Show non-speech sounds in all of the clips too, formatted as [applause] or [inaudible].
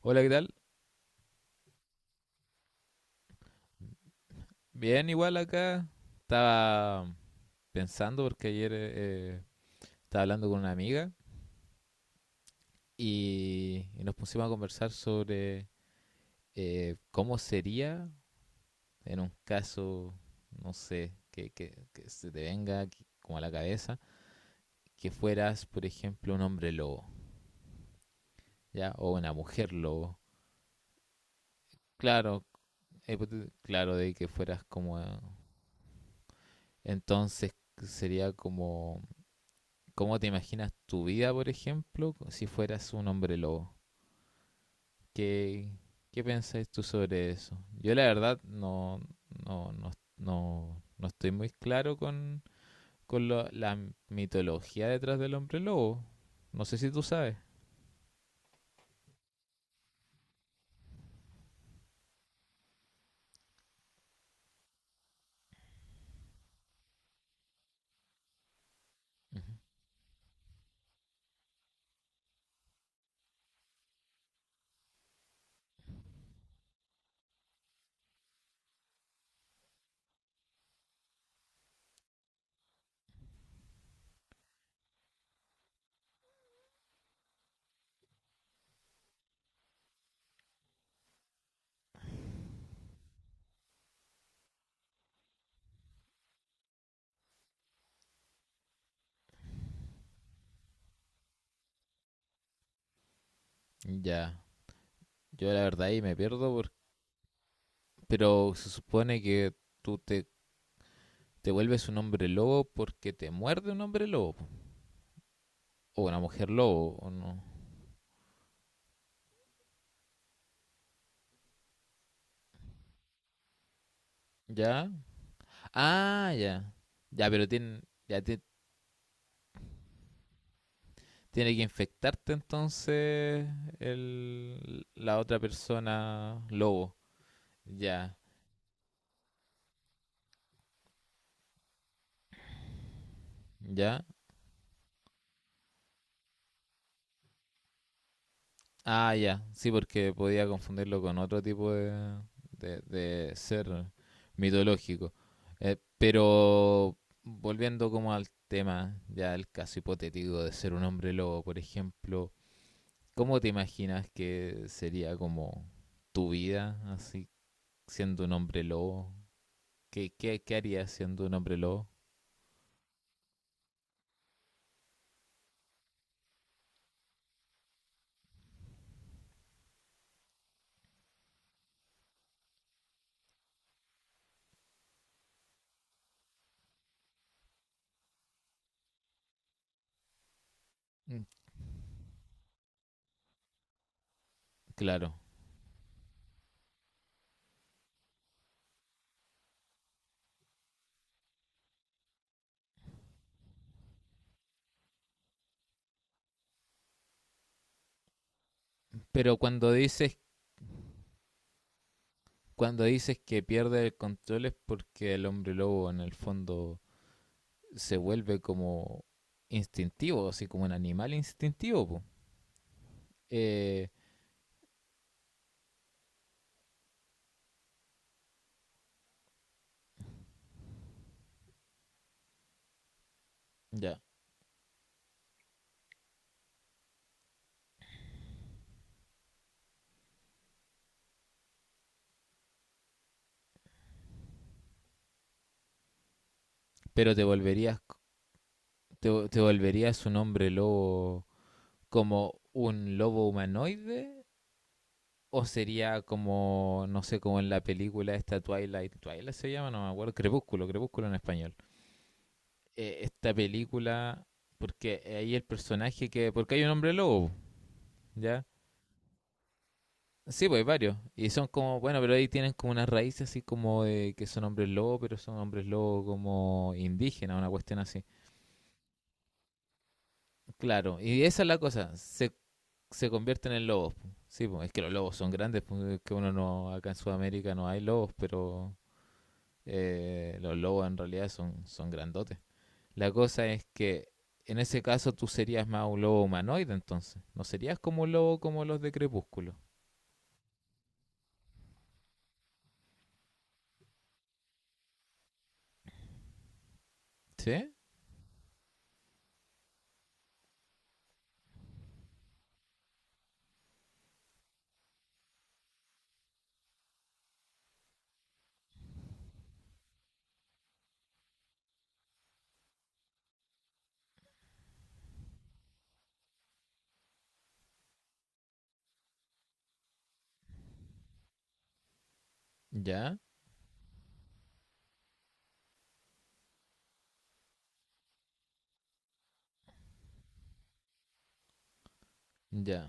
Hola, ¿qué tal? Bien, igual acá. Estaba pensando porque ayer estaba hablando con una amiga y nos pusimos a conversar sobre cómo sería en un caso, no sé, que se te venga aquí como a la cabeza, que fueras, por ejemplo, un hombre lobo, ¿ya? O una mujer lobo. Claro, claro, de que fueras como... entonces sería como, ¿cómo te imaginas tu vida, por ejemplo, si fueras un hombre lobo? ¿Qué, ¿qué pensáis tú sobre eso? Yo la verdad no, no, no estoy muy claro con, con la mitología detrás del hombre lobo. No sé si tú sabes. Ujú. Ya, yo la verdad ahí me pierdo, pero se supone que tú te, te vuelves un hombre lobo porque te muerde un hombre lobo, po, o una mujer lobo, o no. Ya, ah, ya. Ya, pero tiene, ya ti- tiene que infectarte entonces la otra persona lobo. Ya, ya. Ah, ya. Sí, porque podía confundirlo con otro tipo de ser mitológico. Pero volviendo como al tema, ya el caso hipotético de ser un hombre lobo, por ejemplo, ¿cómo te imaginas que sería como tu vida así siendo un hombre lobo? ¿Qué harías siendo un hombre lobo? Mm, claro. Pero cuando dices, cuando dices que pierde el control es porque el hombre lobo en el fondo se vuelve como instintivo, así como un animal instintivo, po. Eh, Ya. Pero te volverías, te volverías un hombre lobo como un lobo humanoide o sería como, no sé, como en la película esta Twilight, Twilight se llama, no me acuerdo, Crepúsculo, Crepúsculo en español. Eh, esta película, porque ahí el personaje que, porque hay un hombre lobo, ¿ya? Sí, pues varios. Y son como, bueno, pero ahí tienen como unas raíces así como de que son hombres lobo, pero son hombres lobo como indígenas, una cuestión así. Claro, y esa es la cosa, se convierten en lobos, po. Sí, pues es que los lobos son grandes, pues, es que uno no, acá en Sudamérica no hay lobos, pero los lobos en realidad son, son grandotes. La cosa es que en ese caso tú serías más un lobo humanoide entonces. No serías como un lobo como los de Crepúsculo. ¿Sí? Ya, ya,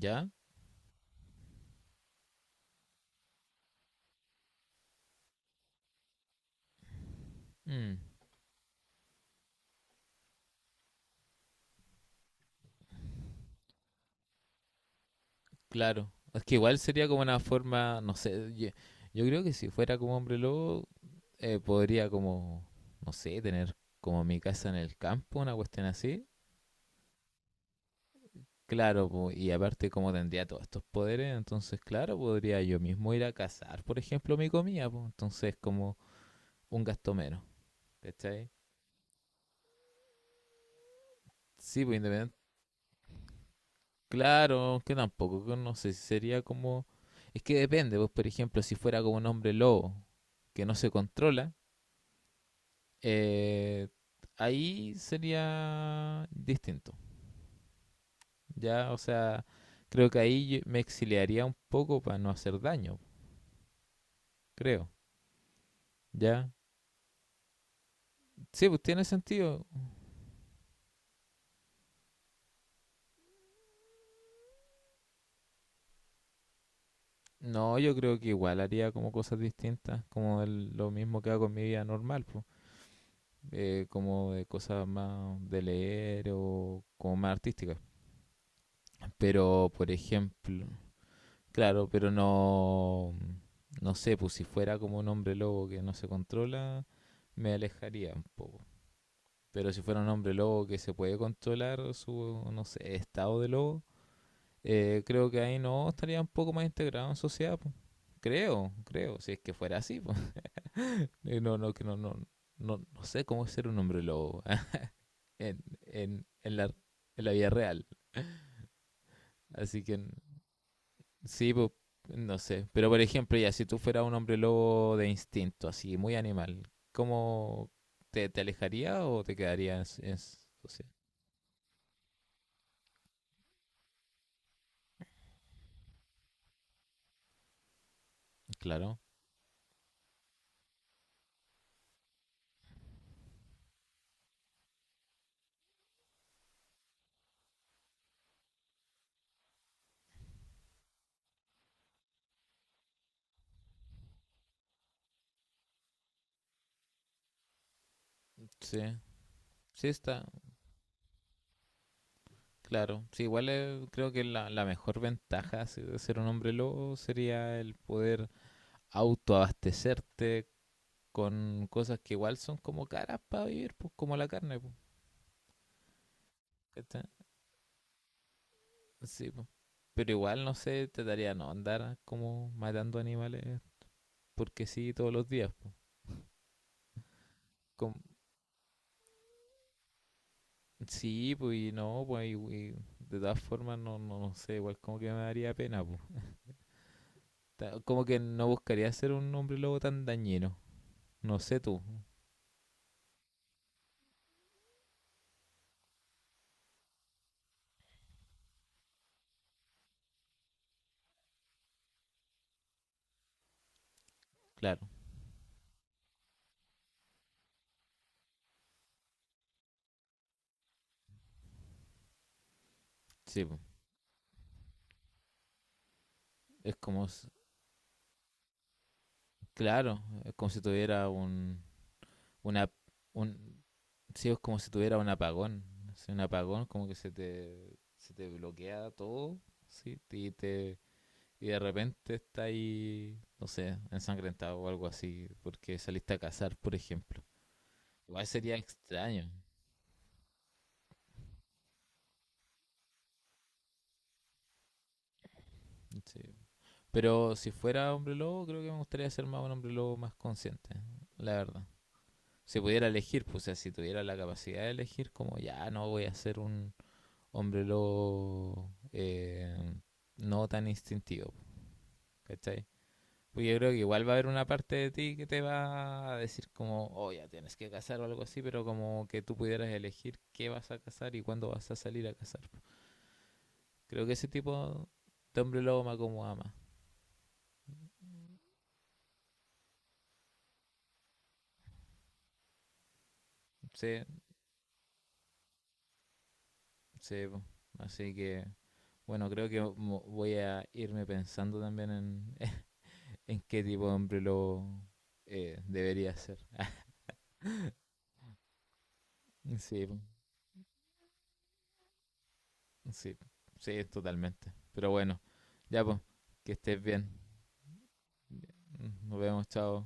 ya. Mm, claro. Es que igual sería como una forma, no sé, yo creo que si fuera como hombre lobo, podría como, no sé, tener como mi casa en el campo, una cuestión así. Claro, po, y aparte como tendría todos estos poderes, entonces claro, podría yo mismo ir a cazar, por ejemplo, mi comida, po, entonces como un gasto menos, ¿cachai? Sí, pues independiente. Claro, que tampoco, que no sé, sería como... es que depende, pues por ejemplo, si fuera como un hombre lobo que no se controla, eh, ahí sería distinto. Ya, o sea, creo que ahí yo me exiliaría un poco para no hacer daño, creo. Ya. Sí, pues tiene sentido. No, yo creo que igual haría como cosas distintas, como lo mismo que hago en mi vida normal, pues. Eh, como de cosas más de leer o como más artísticas. Pero, por ejemplo, claro, pero no, no sé, pues si fuera como un hombre lobo que no se controla, me alejaría un poco. Pero si fuera un hombre lobo que se puede controlar su, no sé, estado de lobo, creo que ahí no estaría un poco más integrado en sociedad, pues. Creo, creo, si es que fuera así, pues. [laughs] No, no, no sé cómo es ser un hombre lobo. en, en, en la, en la vida real. Así que sí, pues, no sé. Pero por ejemplo, ya si tú fueras un hombre lobo de instinto, así, muy animal, ¿cómo te alejaría o te quedarías en, o claro, sí. Sí está, claro. Sí, igual creo que la mejor ventaja de ser un hombre lobo sería el poder autoabastecerte con cosas que igual son como caras para vivir, pues como la carne, pues. ¿Cachai? Sí, po. Pero igual no sé, trataría de no andar como matando animales porque sí todos los días, po. Com- sí, pues y no, pues y de todas formas no, no, no sé, igual como que me daría pena, po. Como que no buscaría ser un hombre lobo tan dañino. No sé tú, claro. Sí, po. Es como, claro, es como si tuviera una, un, sí, es como si tuviera un apagón. Sí, un apagón como que se te bloquea todo, sí, y de repente está ahí, no sé, ensangrentado o algo así, porque saliste a cazar, por ejemplo. Igual sería extraño. Sí. Pero si fuera hombre lobo, creo que me gustaría ser más un hombre lobo más consciente, la verdad. Si pudiera elegir, pues o sea, si tuviera la capacidad de elegir, como ya no voy a ser un hombre lobo no tan instintivo, ¿cachai? Pues yo creo que igual va a haber una parte de ti que te va a decir como, oh, ya tienes que casar o algo así, pero como que tú pudieras elegir qué vas a casar y cuándo vas a salir a casar. Creo que ese tipo de hombre lobo me acomoda más. Sí, sí, po. Así que, bueno, creo que voy a irme pensando también en, [laughs] en qué tipo de hombre lobo debería ser. [laughs] Sí, po, sí, sí, totalmente. Pero bueno, ya pues, que estés bien. Nos vemos, chao.